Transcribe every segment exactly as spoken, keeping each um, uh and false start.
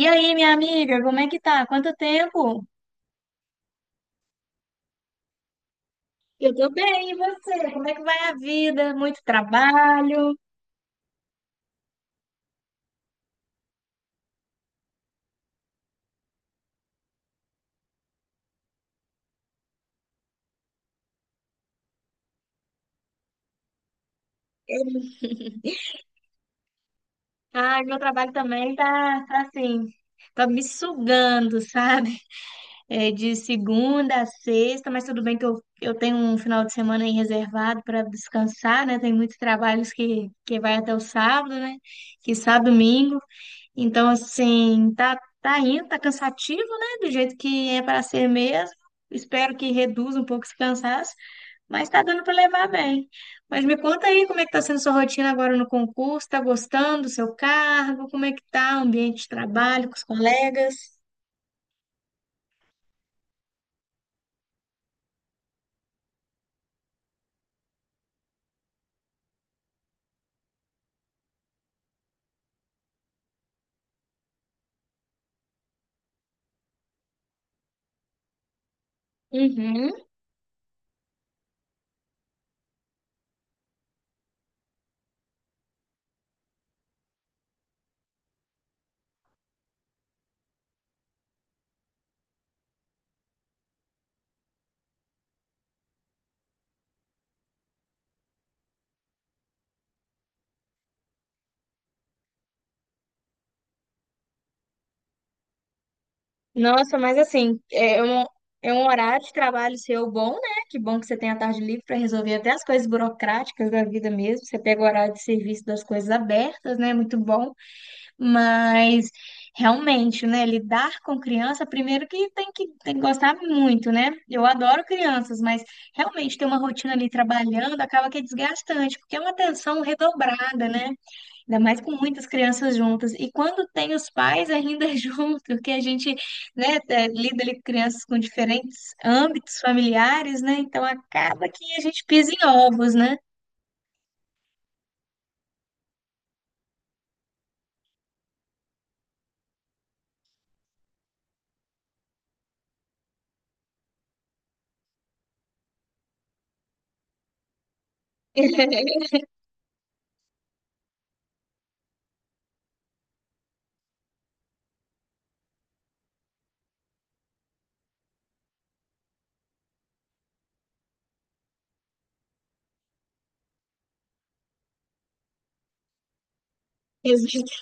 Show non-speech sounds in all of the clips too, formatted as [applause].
E aí, minha amiga, como é que tá? Quanto tempo? Eu tô bem, e você? Como é que vai a vida? Muito trabalho? Ai, meu trabalho também tá, tá assim, tá me sugando, sabe? É de segunda a sexta, mas tudo bem que eu, eu tenho um final de semana aí reservado para descansar, né? Tem muitos trabalhos que, que vai até o sábado, né? Que sábado, domingo. Então, assim, tá, tá indo, tá cansativo, né? Do jeito que é para ser mesmo. Espero que reduza um pouco esse cansaço, mas tá dando para levar bem. Mas me conta aí como é que tá sendo sua rotina agora no concurso, tá gostando do seu cargo, como é que tá o ambiente de trabalho com os colegas? Uhum. Nossa, mas assim, é um, é um horário de trabalho seu bom, né? Que bom que você tem a tarde livre para resolver até as coisas burocráticas da vida mesmo. Você pega o horário de serviço das coisas abertas, né? Muito bom. Mas realmente, né, lidar com criança, primeiro que tem que, tem que gostar muito, né? Eu adoro crianças, mas realmente ter uma rotina ali trabalhando acaba que é desgastante, porque é uma atenção redobrada, né? Ainda mais com muitas crianças juntas. E quando tem os pais ainda [laughs] junto, que a gente, né, é, lida ali com crianças com diferentes âmbitos familiares, né? Então acaba que a gente pisa em ovos, né? [laughs] Exato.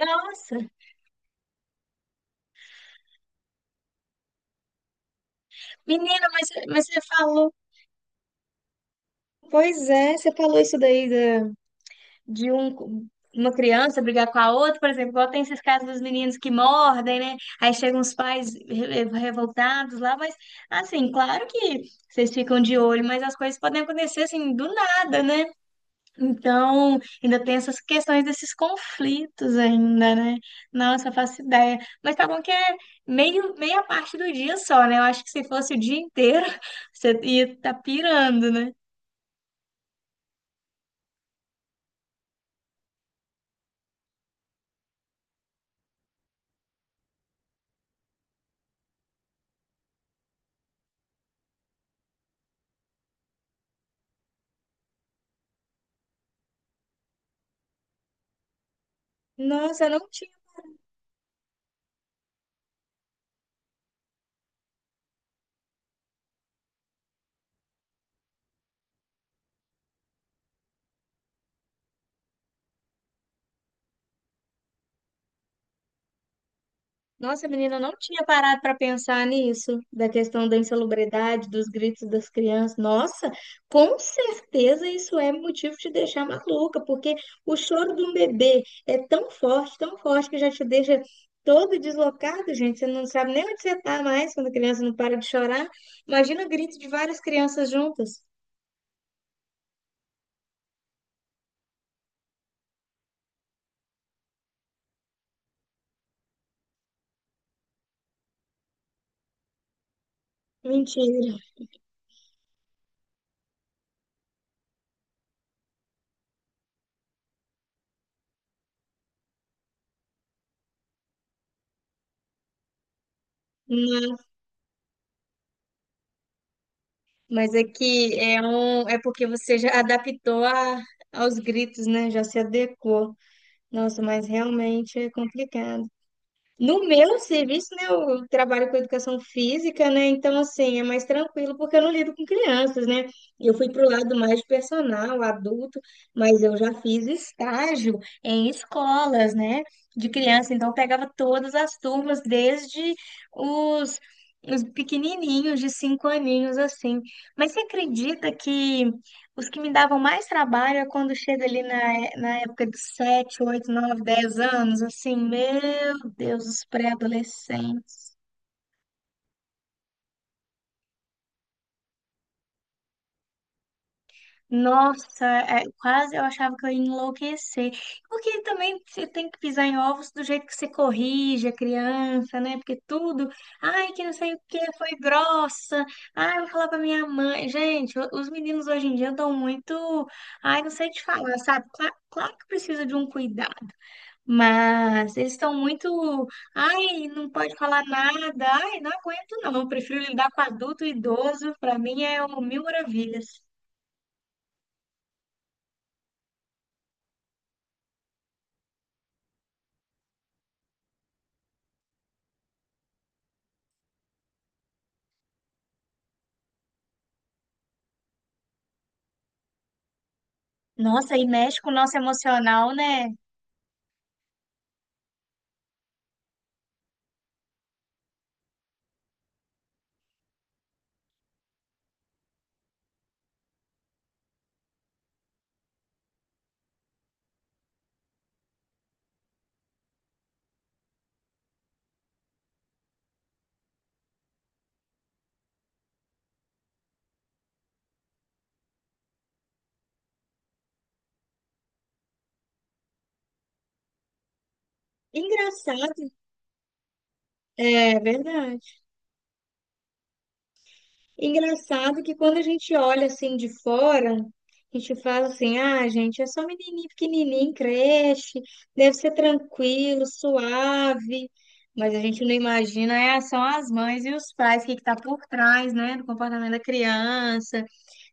Nossa, menina, mas, mas você falou. Pois é, você falou isso daí da- de um, uma criança brigar com a outra, por exemplo, igual tem esses casos dos meninos que mordem, né? Aí chegam os pais re- revoltados lá, mas assim, claro que vocês ficam de olho, mas as coisas podem acontecer assim do nada, né? Então, ainda tem essas questões desses conflitos ainda, né? Nossa, eu faço ideia. Mas tá bom que é meio, meia parte do dia só, né? Eu acho que se fosse o dia inteiro, [laughs] você ia estar pirando, né? Nossa, eu não tinha Nossa, menina, eu não tinha parado para pensar nisso, da questão da insalubridade, dos gritos das crianças. Nossa, com certeza isso é motivo de deixar maluca, porque o choro de um bebê é tão forte, tão forte, que já te deixa todo deslocado, gente. Você não sabe nem onde você está mais quando a criança não para de chorar. Imagina o grito de várias crianças juntas. Mentira. Não, mas é que é um, é porque você já adaptou a, aos gritos, né? Já se adequou. Nossa, mas realmente é complicado. No meu serviço, né, eu trabalho com educação física, né? Então, assim, é mais tranquilo porque eu não lido com crianças, né? Eu fui pro lado mais personal, adulto, mas eu já fiz estágio em escolas, né, de criança. Então, eu pegava todas as turmas, desde os, os pequenininhos, de cinco aninhos, assim. Mas você acredita que os que me davam mais trabalho é quando chega ali na, é- na época de sete oito nove dez anos, assim, meu Deus, os pré-adolescentes. Nossa, é, quase eu achava que eu ia enlouquecer. Porque também você tem que pisar em ovos do jeito que você corrige a criança, né? Porque tudo, ai, que não sei o que, foi grossa, ai, eu vou falar pra minha mãe. Gente, o- os meninos hoje em dia dão muito, ai, não sei te falar, sabe? Cla- Claro, que precisa de um cuidado. Mas eles estão muito, ai, não pode falar nada, ai, não aguento não, eu prefiro lidar com adulto e idoso, para mim é o mil maravilhas. Nossa, e mexe com o nosso emocional, né? Engraçado. É verdade. Engraçado que quando a gente olha assim de fora, a gente fala assim: ah, gente, é só menininho pequenininho, creche, deve ser tranquilo, suave. Mas a gente não imagina, é, são as mães e os pais, o que que tá por trás, né, do comportamento da criança.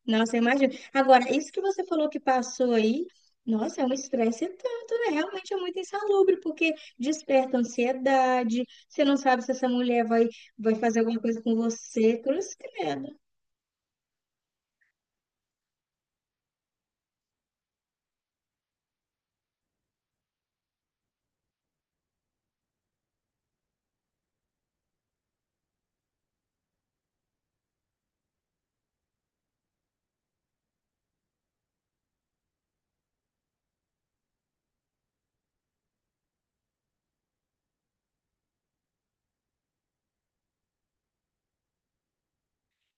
Nossa, imagina. Agora, isso que você falou que passou aí, nossa, é um estresse tanto, né? Realmente é muito insalubre, porque desperta ansiedade, você não sabe se essa mulher vai, vai fazer alguma coisa com você, cruz credo.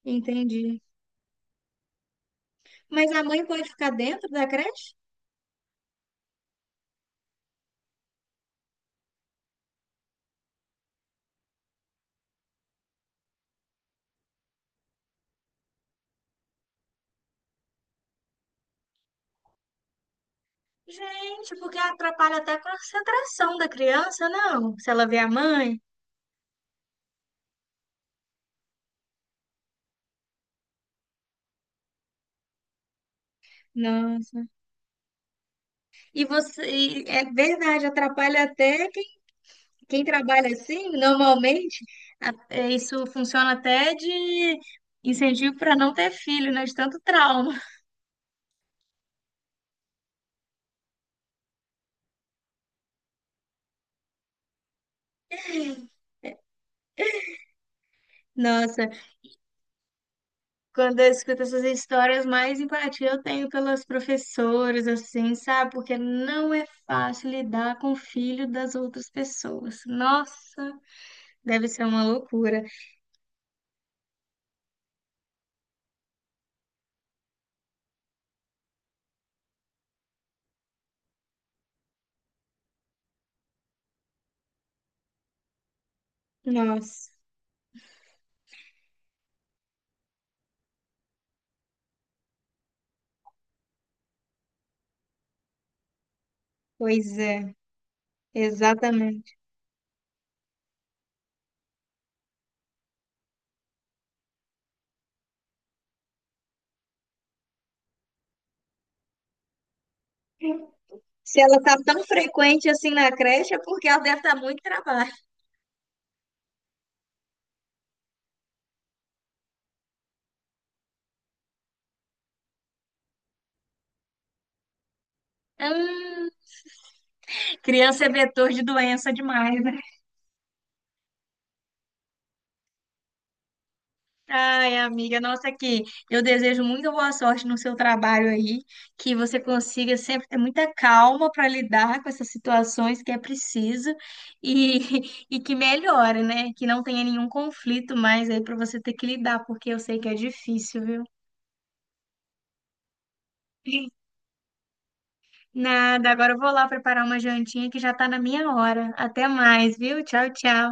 Entendi. Mas a mãe pode ficar dentro da creche? Gente, porque atrapalha até a concentração da criança, não? Se ela vê a mãe. Nossa. E você, e é verdade, atrapalha até quem, quem trabalha assim, normalmente. É, isso funciona até de incentivo para não ter filho, né? De tanto trauma. Nossa, quando eu escuto essas histórias, mais empatia eu tenho pelas professoras, assim, sabe? Porque não é fácil lidar com o filho das outras pessoas. Nossa, deve ser uma loucura. Nossa, pois é, exatamente. Se ela tá tão frequente assim na creche, é porque ela deve estar muito trabalho. Hum, criança é vetor de doença demais, né? Ai, amiga, nossa, que eu desejo muita boa sorte no seu trabalho aí, que você consiga sempre ter muita calma para lidar com essas situações que é preciso e, [laughs] e que melhore, né? Que não tenha nenhum conflito mais aí para você ter que lidar, porque eu sei que é difícil, viu? Nada, agora eu vou lá preparar uma jantinha que já tá na minha hora. Até mais, viu? Tchau, tchau.